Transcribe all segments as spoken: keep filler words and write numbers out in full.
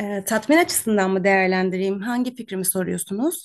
Ee, tatmin açısından mı değerlendireyim? Hangi fikrimi soruyorsunuz?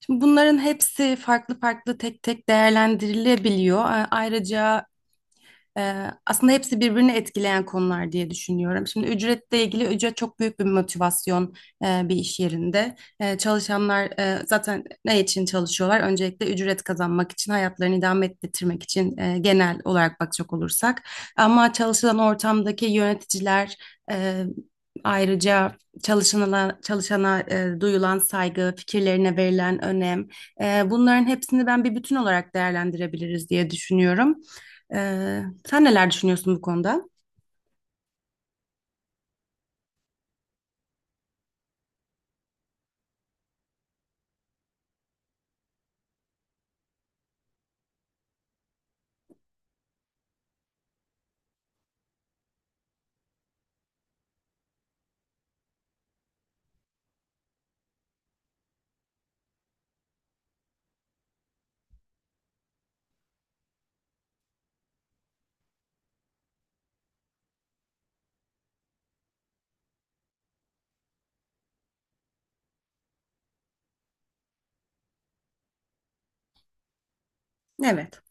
Şimdi bunların hepsi farklı farklı tek tek değerlendirilebiliyor. A- Ayrıca Ee, aslında hepsi birbirini etkileyen konular diye düşünüyorum. Şimdi ücretle ilgili ücret çok büyük bir motivasyon e, bir iş yerinde. E, çalışanlar e, zaten ne için çalışıyorlar? Öncelikle ücret kazanmak için, hayatlarını idame ettirmek için, e, genel olarak bakacak olursak. Ama çalışılan ortamdaki yöneticiler, e, ayrıca çalışana, çalışana e, duyulan saygı, fikirlerine verilen önem. E, bunların hepsini ben bir bütün olarak değerlendirebiliriz diye düşünüyorum. Ee, sen neler düşünüyorsun bu konuda? Evet.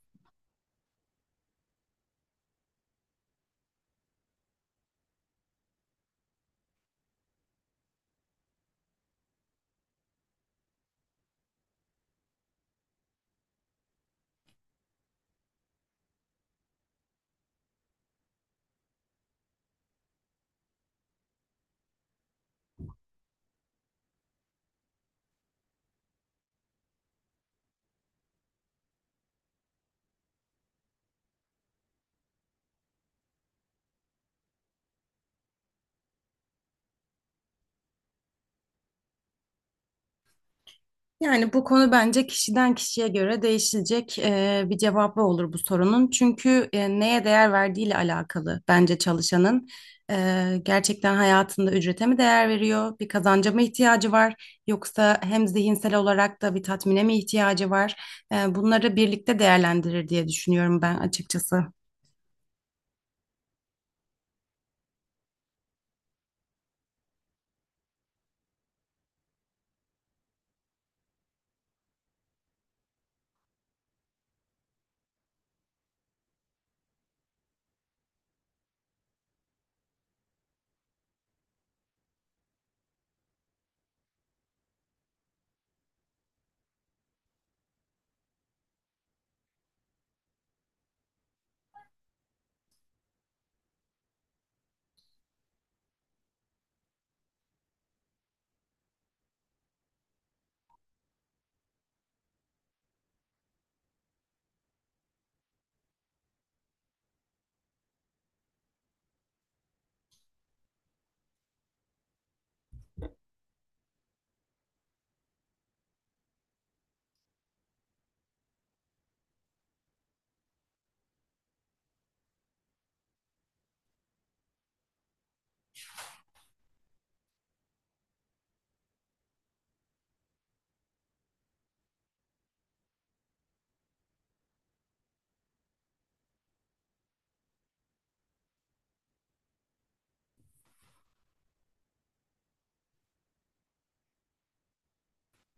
Yani bu konu bence kişiden kişiye göre değişecek, e, bir cevabı olur bu sorunun. Çünkü e, neye değer verdiğiyle alakalı bence çalışanın. E, gerçekten hayatında ücrete mi değer veriyor? Bir kazanca mı ihtiyacı var? Yoksa hem zihinsel olarak da bir tatmine mi ihtiyacı var? E, bunları birlikte değerlendirir diye düşünüyorum ben açıkçası.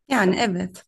Yani evet.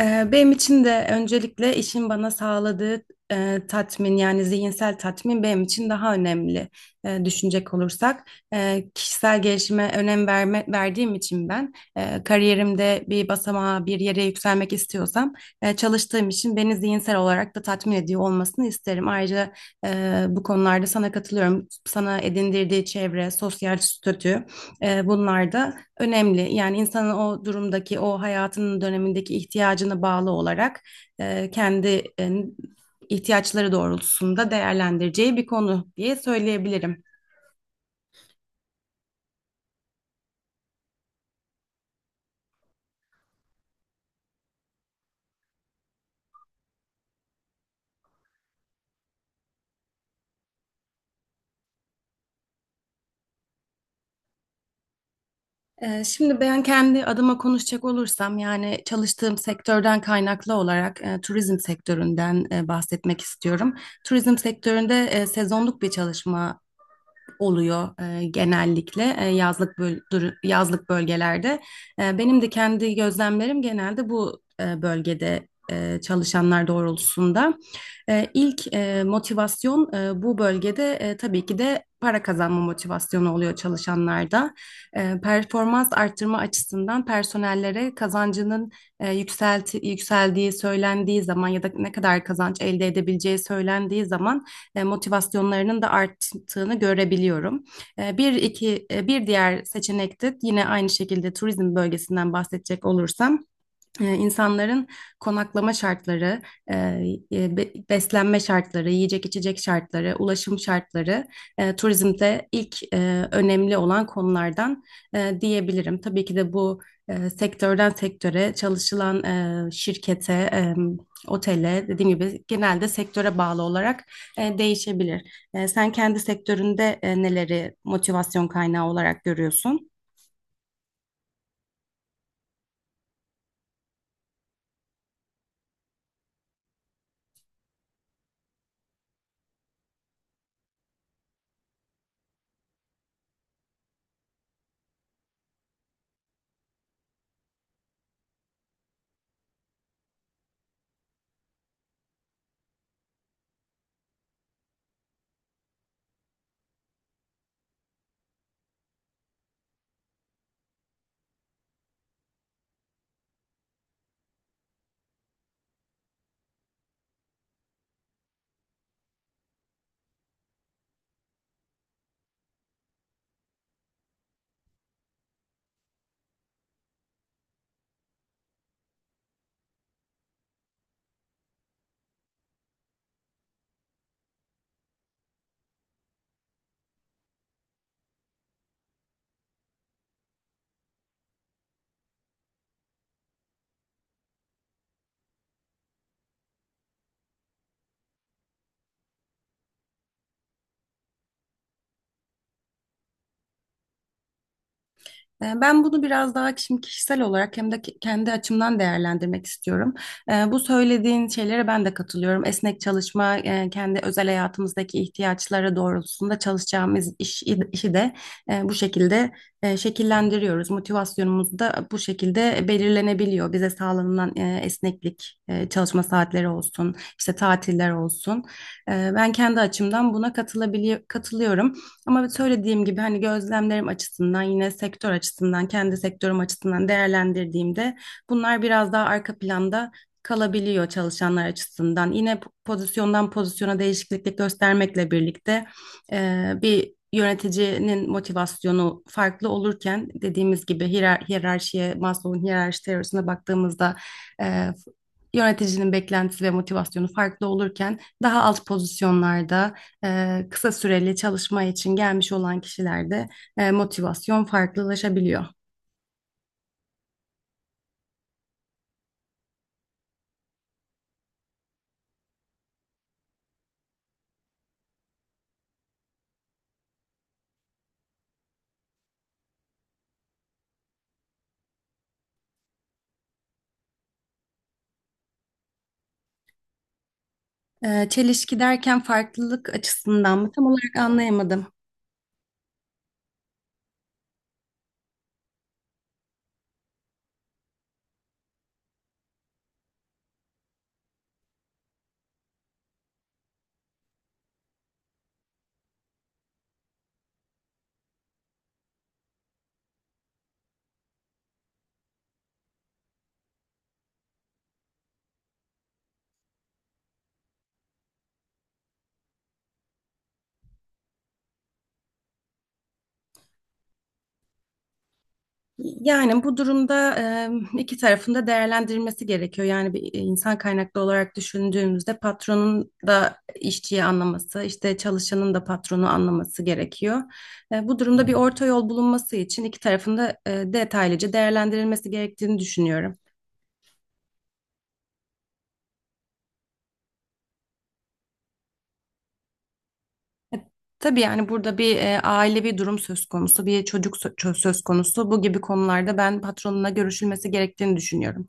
Ee, Benim için de öncelikle işin bana sağladığı e, tatmin, yani zihinsel tatmin benim için daha önemli, e, düşünecek olursak. E, kişisel gelişime önem verme, verdiğim için ben e, kariyerimde bir basamağa, bir yere yükselmek istiyorsam e, çalıştığım için beni zihinsel olarak da tatmin ediyor olmasını isterim. Ayrıca e, bu konularda sana katılıyorum. Sana edindirdiği çevre, sosyal statü, e, bunlar da önemli. Yani insanın o durumdaki, o hayatının dönemindeki ihtiyacına bağlı olarak e, kendi e, ihtiyaçları doğrultusunda değerlendireceği bir konu diye söyleyebilirim. E, şimdi ben kendi adıma konuşacak olursam, yani çalıştığım sektörden kaynaklı olarak, e, turizm sektöründen e, bahsetmek istiyorum. Turizm sektöründe e, sezonluk bir çalışma oluyor e, genellikle e, yazlık böl- dur- yazlık bölgelerde. E, benim de kendi gözlemlerim genelde bu e, bölgede e, çalışanlar doğrultusunda. E, ilk e, motivasyon, e, bu bölgede, e, tabii ki de para kazanma motivasyonu oluyor çalışanlarda. E, performans arttırma açısından personellere kazancının e, yükselti, yükseldiği söylendiği zaman ya da ne kadar kazanç elde edebileceği söylendiği zaman e, motivasyonlarının da arttığını görebiliyorum. E, bir iki e, bir diğer seçenek de yine aynı şekilde turizm bölgesinden bahsedecek olursam, e, insanların konaklama şartları, e, e, be- beslenme şartları, yiyecek içecek şartları, ulaşım şartları e, turizmde ilk e, önemli olan konulardan e, diyebilirim. Tabii ki de bu e, sektörden sektöre, çalışılan e, şirkete, e, otele, dediğim gibi genelde sektöre bağlı olarak e, değişebilir. E, sen kendi sektöründe e, neleri motivasyon kaynağı olarak görüyorsun? E, Ben bunu biraz daha şimdi kişisel olarak, hem de ke- kendi açımdan değerlendirmek istiyorum. E, Bu söylediğin şeylere ben de katılıyorum. Esnek çalışma, e, kendi özel hayatımızdaki ihtiyaçlara doğrultusunda çalışacağımız iş, işi de e, bu şekilde e, şekillendiriyoruz. Motivasyonumuz da bu şekilde belirlenebiliyor. Bize sağlanılan e, esneklik, e, çalışma saatleri olsun, işte tatiller olsun. E, Ben kendi açımdan buna katılabili- katılıyorum. Ama evet, söylediğim gibi hani gözlemlerim açısından, yine sektör açısından, kendi sektörüm açısından değerlendirdiğimde bunlar biraz daha arka planda kalabiliyor çalışanlar açısından. Yine pozisyondan pozisyona değişikliklik göstermekle birlikte, e, bir yöneticinin motivasyonu farklı olurken, dediğimiz gibi hiyer hiyerarşiye, Maslow'un hiyerarşi teorisine baktığımızda e, yöneticinin beklentisi ve motivasyonu farklı olurken, daha alt pozisyonlarda e, kısa süreli çalışma için gelmiş olan kişilerde e, motivasyon farklılaşabiliyor. E, çelişki derken farklılık açısından mı? Tam olarak anlayamadım. Yani bu durumda e, iki tarafın da değerlendirilmesi gerekiyor. Yani bir e, insan kaynaklı olarak düşündüğümüzde, patronun da işçiyi anlaması, işte çalışanın da patronu anlaması gerekiyor. E, Bu durumda bir orta yol bulunması için iki tarafın da e, detaylıca değerlendirilmesi gerektiğini düşünüyorum. Tabii yani burada bir e, ailevi durum söz konusu, bir çocuk sö- söz konusu. Bu gibi konularda ben patronuna görüşülmesi gerektiğini düşünüyorum.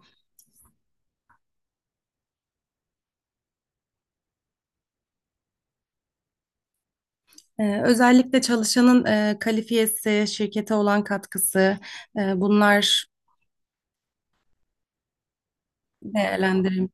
Ee, Özellikle çalışanın e, kalifiyesi, şirkete olan katkısı, e, bunlar değerlendirilmeli.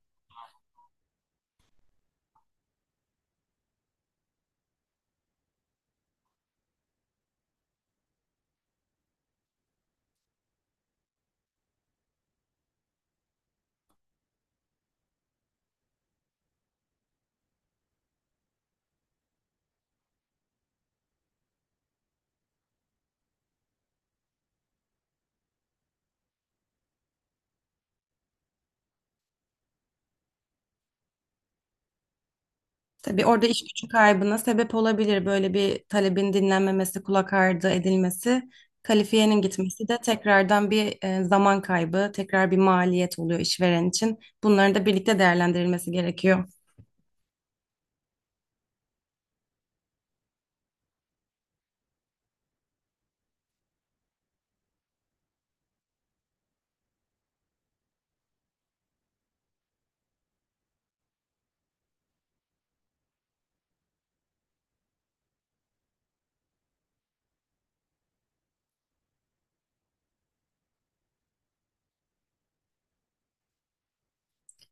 Tabii orada iş gücü kaybına sebep olabilir. Böyle bir talebin dinlenmemesi, kulak ardı edilmesi, kalifiyenin gitmesi de tekrardan bir e, zaman kaybı, tekrar bir maliyet oluyor işveren için. Bunların da birlikte değerlendirilmesi gerekiyor.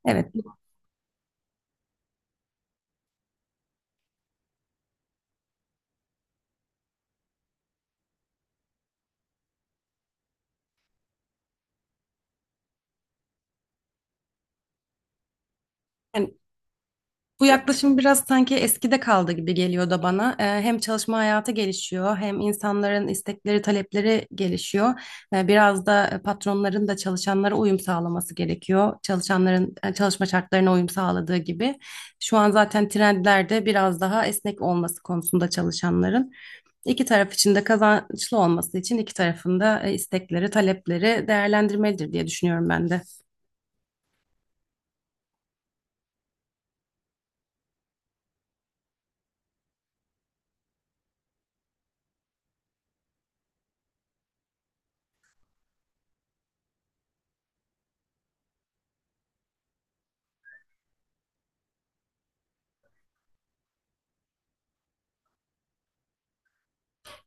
Evet. Yani bu yaklaşım biraz sanki eskide kaldı gibi geliyor da bana. Ee, hem çalışma hayatı gelişiyor, hem insanların istekleri, talepleri gelişiyor. Ee, biraz da patronların da çalışanlara uyum sağlaması gerekiyor. Çalışanların e, çalışma şartlarına uyum sağladığı gibi. Şu an zaten trendlerde biraz daha esnek olması konusunda çalışanların. İki taraf için de kazançlı olması için iki tarafın da e, istekleri, talepleri değerlendirmelidir diye düşünüyorum ben de.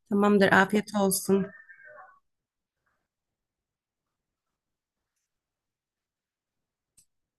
Tamamdır, afiyet olsun.